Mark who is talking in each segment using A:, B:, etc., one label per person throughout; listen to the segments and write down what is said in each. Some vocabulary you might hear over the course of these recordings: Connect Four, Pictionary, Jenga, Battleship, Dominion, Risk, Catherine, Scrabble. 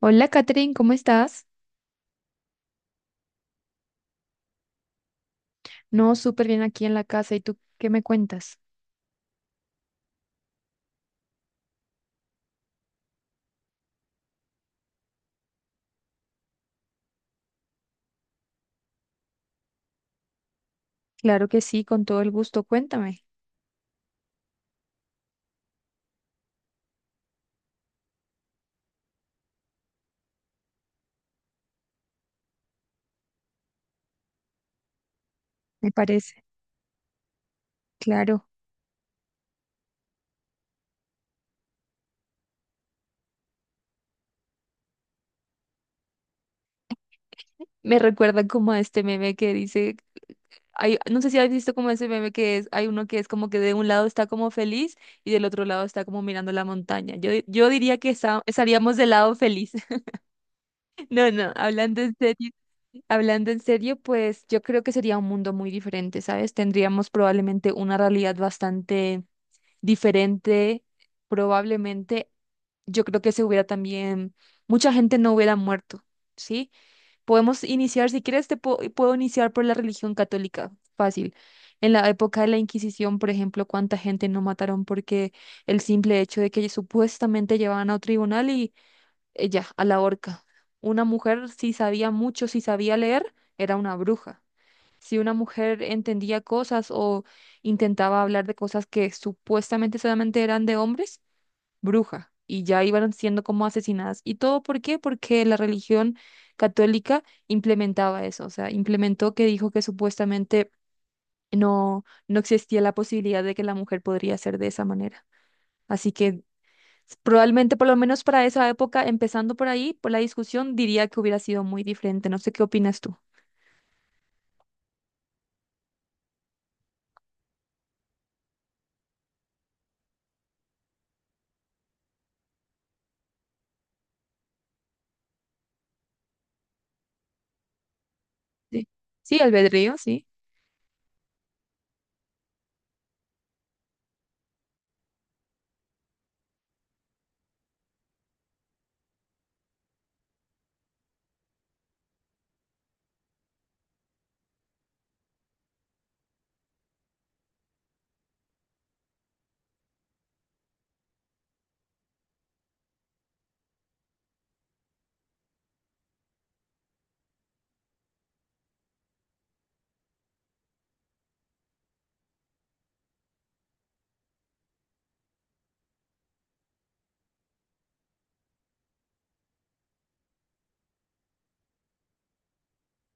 A: Hola, Catherine, ¿cómo estás? No, súper bien aquí en la casa. ¿Y tú qué me cuentas? Claro que sí, con todo el gusto. Cuéntame, me parece. Claro. Me recuerda como a este meme que dice, hay, no sé si has visto como ese meme que es, hay uno que es como que de un lado está como feliz y del otro lado está como mirando la montaña. Yo diría que estaríamos del lado feliz. No, no, hablando en serio. Hablando en serio, pues yo creo que sería un mundo muy diferente, ¿sabes? Tendríamos probablemente una realidad bastante diferente, probablemente yo creo que se hubiera también, mucha gente no hubiera muerto, ¿sí? Podemos iniciar, si quieres, puedo iniciar por la religión católica, fácil. En la época de la Inquisición, por ejemplo, cuánta gente no mataron porque el simple hecho de que supuestamente llevaban a un tribunal y ya, a la horca. Una mujer, si sabía mucho, si sabía leer, era una bruja si una mujer entendía cosas o intentaba hablar de cosas que supuestamente solamente eran de hombres, bruja, y ya iban siendo como asesinadas. ¿Y todo por qué? Porque la religión católica implementaba eso, o sea, implementó que dijo que supuestamente no existía la posibilidad de que la mujer podría ser de esa manera. Así que probablemente, por lo menos para esa época, empezando por ahí, por la discusión, diría que hubiera sido muy diferente. No sé qué opinas tú. Sí, sí, albedrío, sí,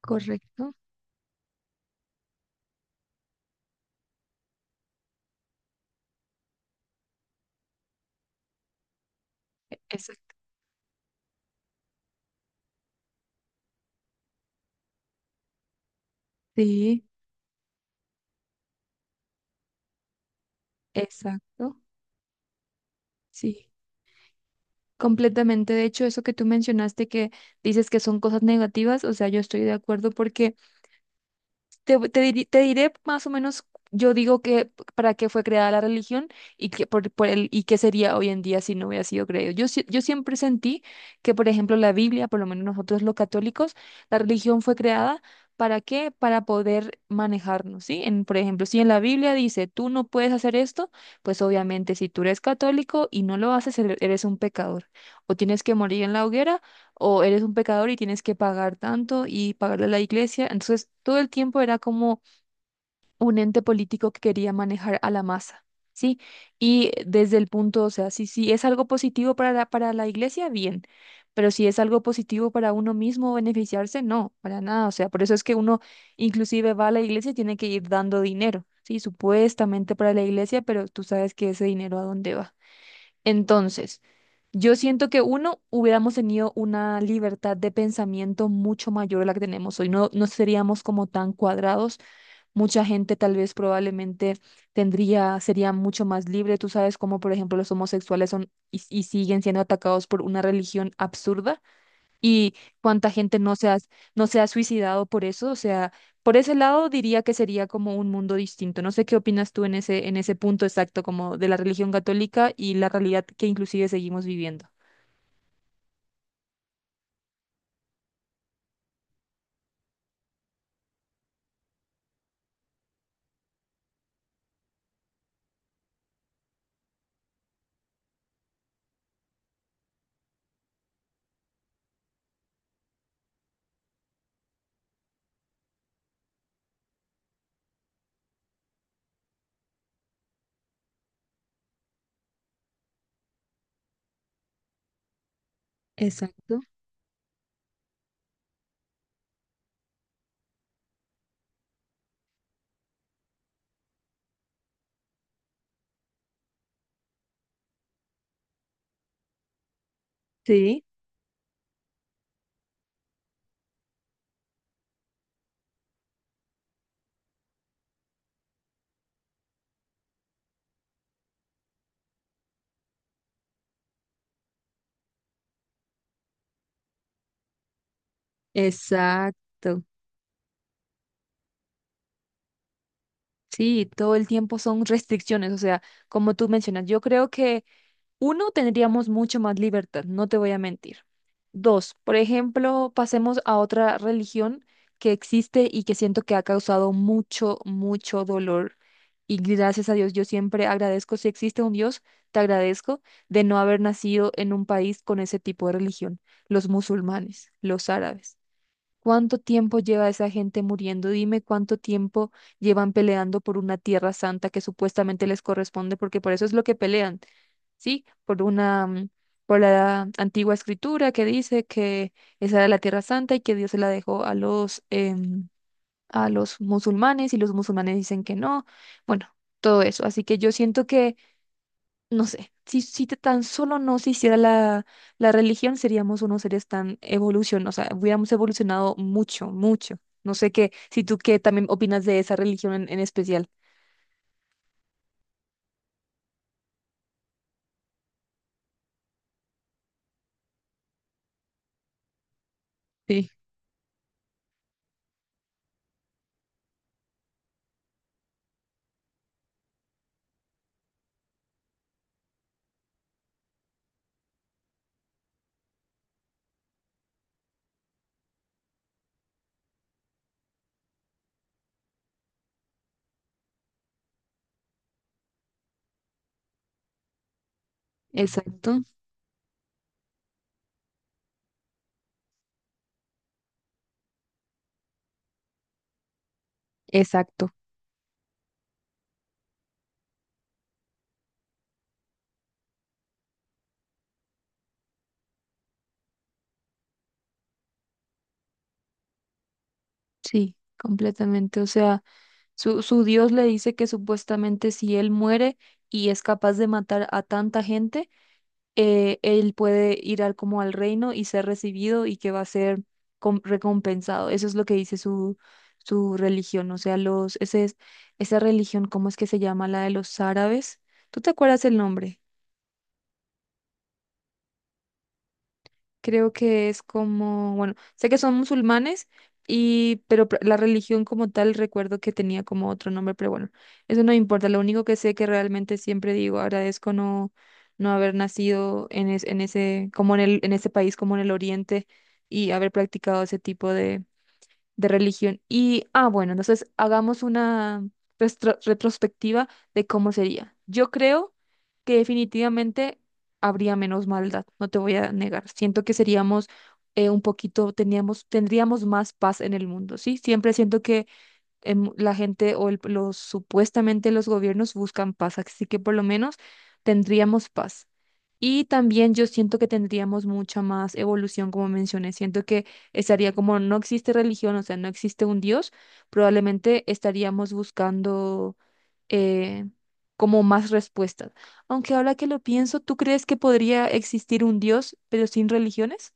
A: correcto. Exacto. Sí, exacto. Sí, completamente. De hecho, eso que tú mencionaste que dices que son cosas negativas, o sea, yo estoy de acuerdo porque te diré más o menos, yo digo que para qué fue creada la religión y que por el, y qué sería hoy en día si no hubiera sido creado. Yo siempre sentí que, por ejemplo, la Biblia, por lo menos nosotros los católicos, la religión fue creada para qué, para poder manejarnos, ¿sí? En, por ejemplo, si en la Biblia dice, tú no puedes hacer esto, pues obviamente si tú eres católico y no lo haces, eres un pecador. O tienes que morir en la hoguera o eres un pecador y tienes que pagar tanto y pagarle a la iglesia. Entonces, todo el tiempo era como un ente político que quería manejar a la masa, ¿sí? Y desde el punto, o sea, si es algo positivo para la iglesia, bien, pero si es algo positivo para uno mismo beneficiarse, no, para nada. O sea, por eso es que uno inclusive va a la iglesia y tiene que ir dando dinero, ¿sí? Supuestamente para la iglesia, pero tú sabes que ese dinero a dónde va. Entonces... Yo siento que uno hubiéramos tenido una libertad de pensamiento mucho mayor a la que tenemos hoy. No, no seríamos como tan cuadrados. Mucha gente tal vez probablemente tendría, sería mucho más libre. Tú sabes cómo, por ejemplo, los homosexuales son y siguen siendo atacados por una religión absurda y cuánta gente no se ha suicidado por eso. O sea, por ese lado diría que sería como un mundo distinto. No sé qué opinas tú en ese punto exacto como de la religión católica y la realidad que inclusive seguimos viviendo. Exacto. Sí. Exacto. Sí, todo el tiempo son restricciones, o sea, como tú mencionas, yo creo que uno, tendríamos mucho más libertad, no te voy a mentir. Dos, por ejemplo, pasemos a otra religión que existe y que siento que ha causado mucho, mucho dolor. Y gracias a Dios, yo siempre agradezco, si existe un Dios, te agradezco de no haber nacido en un país con ese tipo de religión, los musulmanes, los árabes. ¿Cuánto tiempo lleva esa gente muriendo? Dime cuánto tiempo llevan peleando por una tierra santa que supuestamente les corresponde, porque por eso es lo que pelean, ¿sí? Por la antigua escritura que dice que esa era la tierra santa y que Dios se la dejó a los musulmanes y los musulmanes dicen que no. Bueno, todo eso. Así que yo siento que no sé, si tan solo no se hiciera la religión, seríamos unos seres tan evolución, o sea, hubiéramos evolucionado mucho, mucho. No sé qué, si tú qué también opinas de esa religión en especial. Sí. Exacto, exacto, sí, completamente. O sea, su Dios le dice que supuestamente si él muere y es capaz de matar a tanta gente, él puede ir al, como al reino y ser recibido y que va a ser recompensado. Eso es lo que dice su religión. O sea, esa religión, ¿cómo es que se llama? La de los árabes. ¿Tú te acuerdas el nombre? Creo que es como, bueno, sé que son musulmanes, pero la religión como tal recuerdo que tenía como otro nombre, pero bueno, eso no importa. Lo único que sé que realmente siempre digo, agradezco no haber nacido en ese como en ese país como en el Oriente y haber practicado ese tipo de religión. Y, bueno, entonces hagamos una retrospectiva de cómo sería. Yo creo que definitivamente habría menos maldad, no te voy a negar. Siento que seríamos un poquito, tendríamos más paz en el mundo, ¿sí? Siempre siento que la gente o el- los supuestamente los gobiernos buscan paz, así que por lo menos tendríamos paz. Y también yo siento que tendríamos mucha más evolución, como mencioné. Siento que estaría como no existe religión, o sea, no existe un Dios, probablemente estaríamos buscando eh, como más respuestas. Aunque ahora que lo pienso, ¿tú crees que podría existir un Dios, pero sin religiones?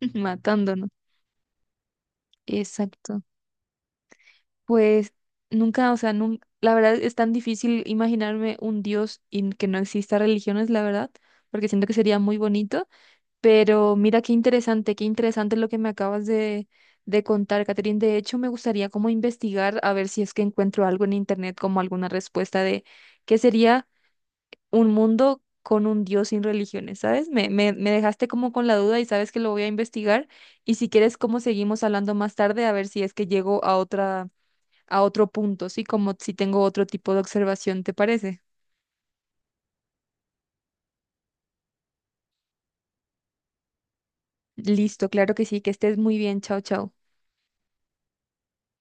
A: Matándonos. Exacto. Pues nunca, o sea, la verdad es tan difícil imaginarme un Dios y que no exista religiones, la verdad, porque siento que sería muy bonito. Pero mira qué interesante lo que me acabas de contar, Catherine. De hecho, me gustaría como investigar a ver si es que encuentro algo en internet, como alguna respuesta de qué sería un mundo con un Dios sin religiones, ¿sabes? Me dejaste como con la duda y sabes que lo voy a investigar. Y si quieres, como seguimos hablando más tarde, a ver si es que llego a otro punto, ¿sí? Como si tengo otro tipo de observación, ¿te parece? Listo, claro que sí, que estés muy bien, chao, chao.